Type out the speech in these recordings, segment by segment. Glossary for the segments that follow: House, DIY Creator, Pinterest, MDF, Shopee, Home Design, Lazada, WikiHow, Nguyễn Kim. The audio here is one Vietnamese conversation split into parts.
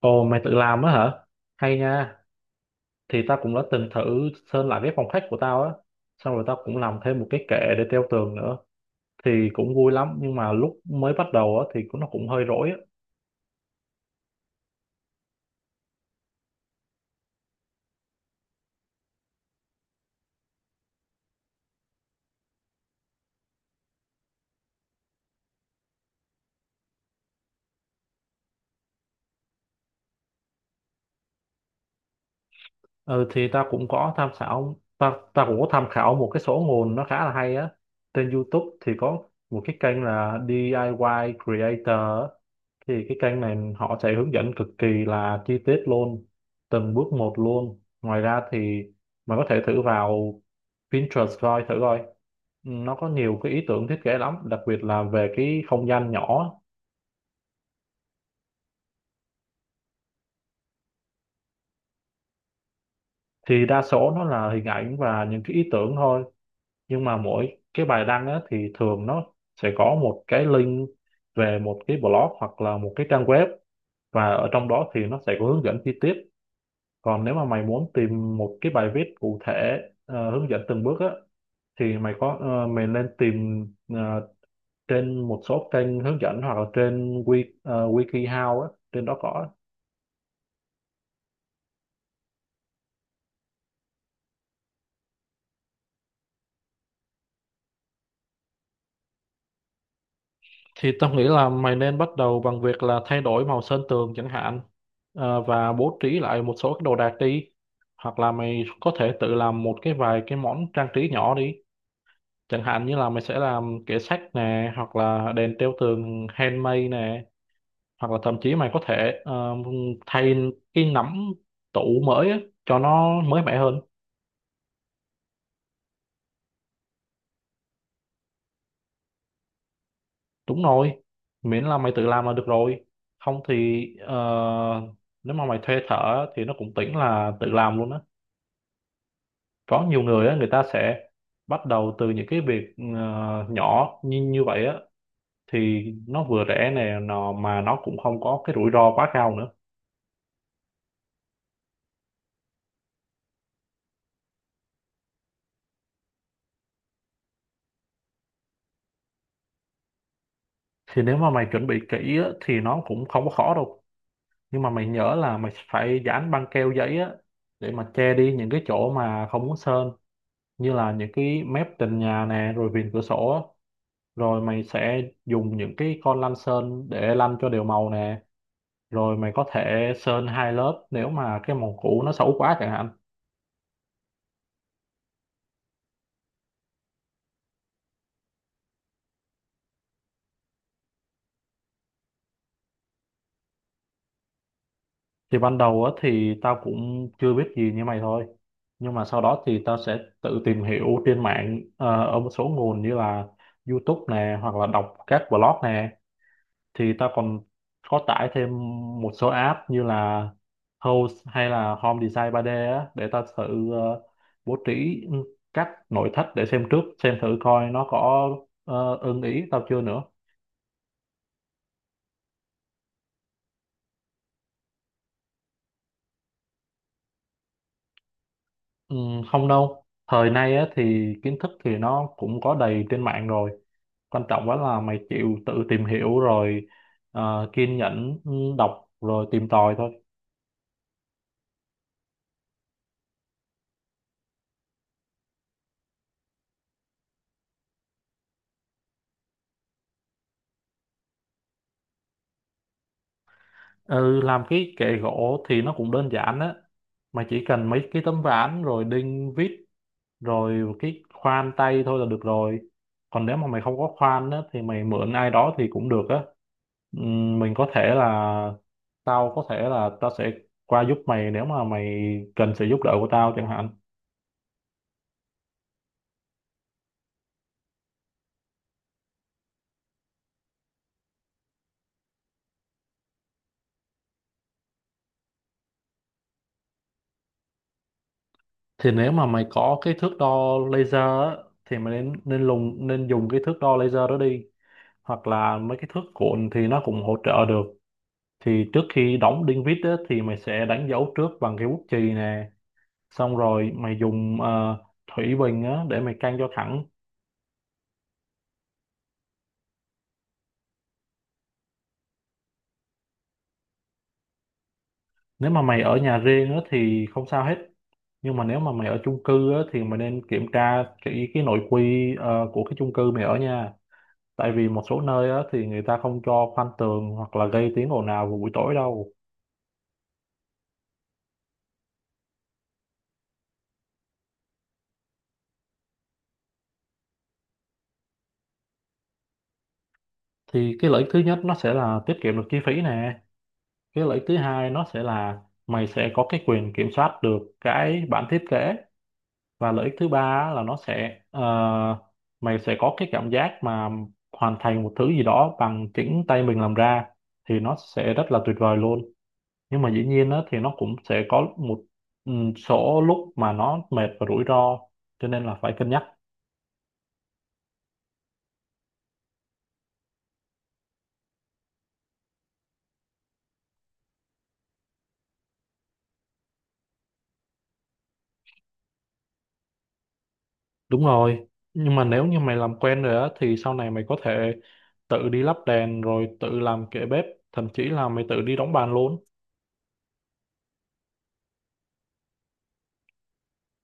Ồ, mày tự làm á hả? Hay nha. Thì tao cũng đã từng thử sơn lại cái phòng khách của tao á. Xong rồi tao cũng làm thêm một cái kệ để treo tường nữa. Thì cũng vui lắm nhưng mà lúc mới bắt đầu á thì cũng nó cũng hơi rối á. Ừ, thì tao cũng có tham khảo tao tao cũng có tham khảo một cái số nguồn nó khá là hay á. Trên YouTube thì có một cái kênh là DIY Creator á. Thì cái kênh này họ sẽ hướng dẫn cực kỳ là chi tiết luôn, từng bước một luôn. Ngoài ra thì mày có thể thử vào Pinterest coi thử coi nó có nhiều cái ý tưởng thiết kế lắm, đặc biệt là về cái không gian nhỏ. Thì đa số nó là hình ảnh và những cái ý tưởng thôi, nhưng mà mỗi cái bài đăng á, thì thường nó sẽ có một cái link về một cái blog hoặc là một cái trang web, và ở trong đó thì nó sẽ có hướng dẫn chi tiết. Còn nếu mà mày muốn tìm một cái bài viết cụ thể, hướng dẫn từng bước á, thì mày có mày nên tìm trên một số kênh hướng dẫn hoặc là trên WikiHow á, trên đó có. Thì tao nghĩ là mày nên bắt đầu bằng việc là thay đổi màu sơn tường chẳng hạn, và bố trí lại một số cái đồ đạc đi, hoặc là mày có thể tự làm một cái vài cái món trang trí nhỏ đi, chẳng hạn như là mày sẽ làm kệ sách nè, hoặc là đèn treo tường handmade nè, hoặc là thậm chí mày có thể thay cái nắm tủ mới á, cho nó mới mẻ hơn. Đúng rồi, miễn là mày tự làm là được rồi, không thì nếu mà mày thuê thợ thì nó cũng tính là tự làm luôn á. Có nhiều người á, người ta sẽ bắt đầu từ những cái việc nhỏ như như vậy á, thì nó vừa rẻ nè, nó mà nó cũng không có cái rủi ro quá cao nữa. Thì nếu mà mày chuẩn bị kỹ á thì nó cũng không có khó đâu, nhưng mà mày nhớ là mày phải dán băng keo giấy á, để mà che đi những cái chỗ mà không muốn sơn, như là những cái mép tường nhà nè, rồi viền cửa sổ á. Rồi mày sẽ dùng những cái con lăn sơn để lăn cho đều màu nè, rồi mày có thể sơn hai lớp nếu mà cái màu cũ nó xấu quá chẳng hạn. Thì ban đầu á thì tao cũng chưa biết gì như mày thôi, nhưng mà sau đó thì tao sẽ tự tìm hiểu trên mạng ở một số nguồn như là YouTube nè, hoặc là đọc các blog nè. Thì tao còn có tải thêm một số app như là House hay là Home Design ba d á, để tao thử bố trí các nội thất để xem trước xem thử coi nó có ưng ý tao chưa nữa. Ừ, không đâu, thời nay á thì kiến thức thì nó cũng có đầy trên mạng rồi, quan trọng quá là mày chịu tự tìm hiểu rồi kiên nhẫn, đọc rồi tìm tòi thôi. Ừ, làm cái kệ gỗ thì nó cũng đơn giản á, mày chỉ cần mấy cái tấm ván rồi đinh vít, rồi một cái khoan tay thôi là được rồi. Còn nếu mà mày không có khoan á thì mày mượn ai đó thì cũng được á. Mình có thể là tao có thể là tao sẽ qua giúp mày nếu mà mày cần sự giúp đỡ của tao chẳng hạn. Thì nếu mà mày có cái thước đo laser á, thì mày nên nên lùng nên dùng cái thước đo laser đó đi, hoặc là mấy cái thước cuộn thì nó cũng hỗ trợ được. Thì trước khi đóng đinh vít á, thì mày sẽ đánh dấu trước bằng cái bút chì nè, xong rồi mày dùng thủy bình á, để mày căng cho thẳng. Nếu mà mày ở nhà riêng á, thì không sao hết, nhưng mà nếu mà mày ở chung cư á, thì mày nên kiểm tra kỹ cái nội quy của cái chung cư mày ở nha. Tại vì một số nơi á, thì người ta không cho khoan tường hoặc là gây tiếng ồn ào vào buổi tối đâu. Thì cái lợi ích thứ nhất nó sẽ là tiết kiệm được chi phí nè, cái lợi ích thứ hai nó sẽ là mày sẽ có cái quyền kiểm soát được cái bản thiết kế, và lợi ích thứ ba á, là nó sẽ mày sẽ có cái cảm giác mà hoàn thành một thứ gì đó bằng chính tay mình làm ra, thì nó sẽ rất là tuyệt vời luôn. Nhưng mà dĩ nhiên á, thì nó cũng sẽ có một số lúc mà nó mệt và rủi ro, cho nên là phải cân nhắc. Đúng rồi, nhưng mà nếu như mày làm quen rồi á thì sau này mày có thể tự đi lắp đèn, rồi tự làm kệ bếp, thậm chí là mày tự đi đóng bàn luôn.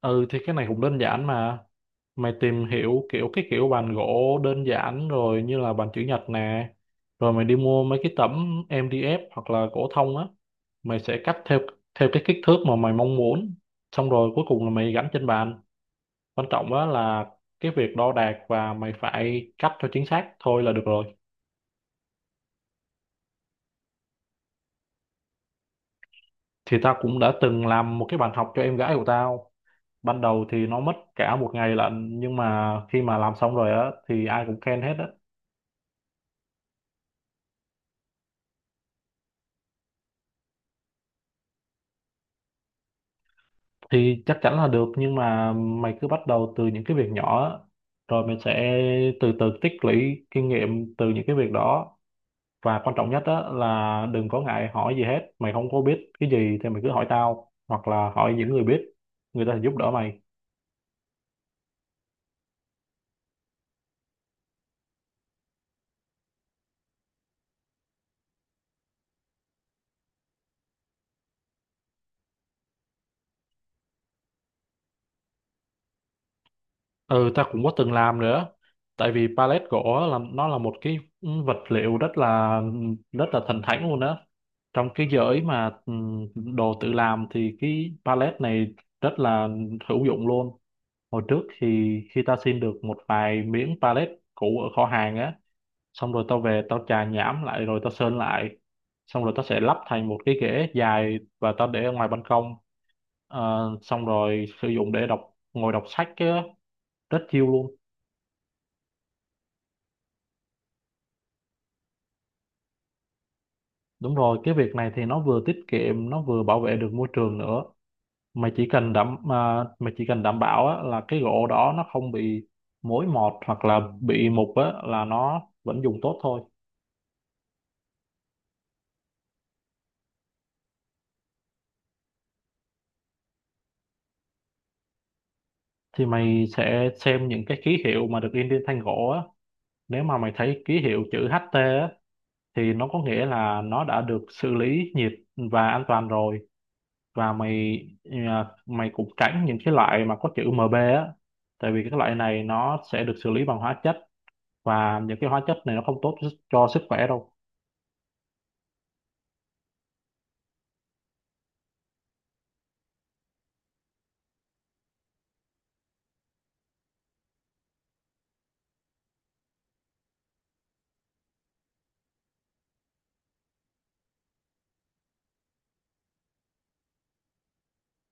Ừ, thì cái này cũng đơn giản mà. Mày tìm hiểu kiểu cái kiểu bàn gỗ đơn giản rồi, như là bàn chữ nhật nè. Rồi mày đi mua mấy cái tấm MDF hoặc là gỗ thông á, mày sẽ cắt theo theo cái kích thước mà mày mong muốn. Xong rồi cuối cùng là mày gắn trên bàn. Quan trọng á là cái việc đo đạc và mày phải cắt cho chính xác thôi là được rồi. Thì tao cũng đã từng làm một cái bàn học cho em gái của tao, ban đầu thì nó mất cả một ngày lận, nhưng mà khi mà làm xong rồi á thì ai cũng khen hết á. Thì chắc chắn là được, nhưng mà mày cứ bắt đầu từ những cái việc nhỏ á, rồi mình sẽ từ từ tích lũy kinh nghiệm từ những cái việc đó. Và quan trọng nhất á là đừng có ngại hỏi gì hết, mày không có biết cái gì thì mày cứ hỏi tao hoặc là hỏi những người biết, người ta sẽ giúp đỡ mày. Ừ, ta cũng có từng làm nữa. Tại vì pallet gỗ là nó là một cái vật liệu rất là thần thánh luôn đó. Trong cái giới mà đồ tự làm thì cái pallet này rất là hữu dụng luôn. Hồi trước thì khi ta xin được một vài miếng pallet cũ ở kho hàng á, xong rồi tao về tao chà nhãm lại rồi tao sơn lại. Xong rồi tao sẽ lắp thành một cái ghế dài và tao để ở ngoài ban công. Xong rồi sử dụng để ngồi đọc sách á, rất chill luôn. Đúng rồi, cái việc này thì nó vừa tiết kiệm, nó vừa bảo vệ được môi trường nữa. Mà chỉ cần đảm bảo á, là cái gỗ đó nó không bị mối mọt hoặc là bị mục á, là nó vẫn dùng tốt thôi. Thì mày sẽ xem những cái ký hiệu mà được in trên thanh gỗ á. Nếu mà mày thấy ký hiệu chữ HT á, thì nó có nghĩa là nó đã được xử lý nhiệt và an toàn rồi. Và mày cũng tránh những cái loại mà có chữ MB á. Tại vì cái loại này nó sẽ được xử lý bằng hóa chất, và những cái hóa chất này nó không tốt cho sức khỏe đâu.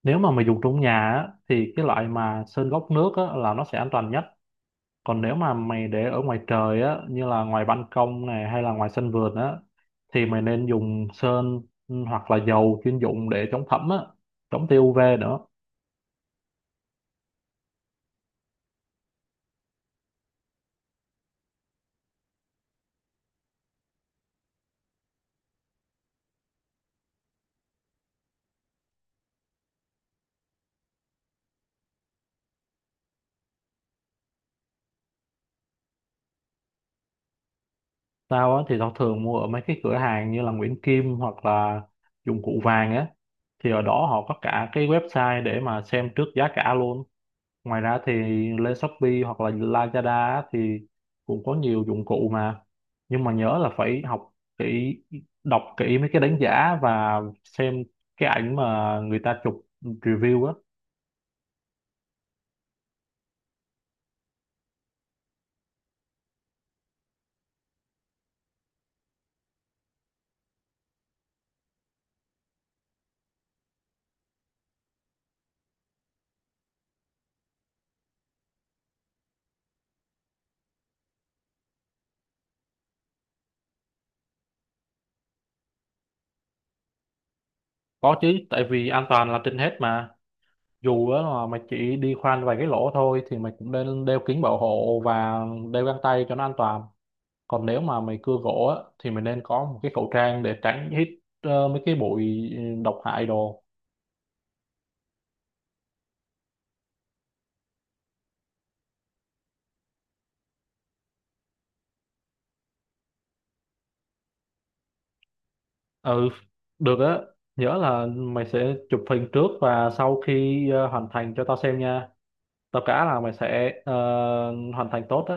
Nếu mà mày dùng trong nhà á, thì cái loại mà sơn gốc nước á, là nó sẽ an toàn nhất. Còn nếu mà mày để ở ngoài trời á, như là ngoài ban công này hay là ngoài sân vườn á, thì mày nên dùng sơn hoặc là dầu chuyên dụng để chống thấm á, chống tia UV nữa. Tao á, thì tao thường mua ở mấy cái cửa hàng như là Nguyễn Kim, hoặc là dụng cụ vàng á, thì ở đó họ có cả cái website để mà xem trước giá cả luôn. Ngoài ra thì lên Shopee hoặc là Lazada á thì cũng có nhiều dụng cụ mà, nhưng mà nhớ là phải học kỹ đọc kỹ mấy cái đánh giá và xem cái ảnh mà người ta chụp review á. Có chứ, tại vì an toàn là trên hết mà. Dù á là mày chỉ đi khoan vài cái lỗ thôi thì mày cũng nên đeo kính bảo hộ và đeo găng tay cho nó an toàn. Còn nếu mà mày cưa gỗ á thì mày nên có một cái khẩu trang để tránh hít mấy cái bụi độc hại đồ. Ừ, được á. Nhớ là mày sẽ chụp hình trước và sau khi hoàn thành cho tao xem nha. Tao cá là mày sẽ hoàn thành tốt á,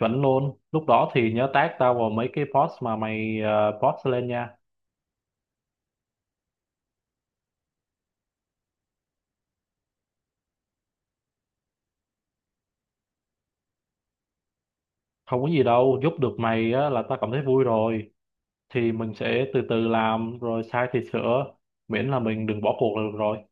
chuẩn luôn. Lúc đó thì nhớ tag tao vào mấy cái post mà mày post lên nha. Không có gì đâu, giúp được mày á, là tao cảm thấy vui rồi. Thì mình sẽ từ từ làm, rồi sai thì sửa. Miễn là mình đừng bỏ cuộc là được rồi.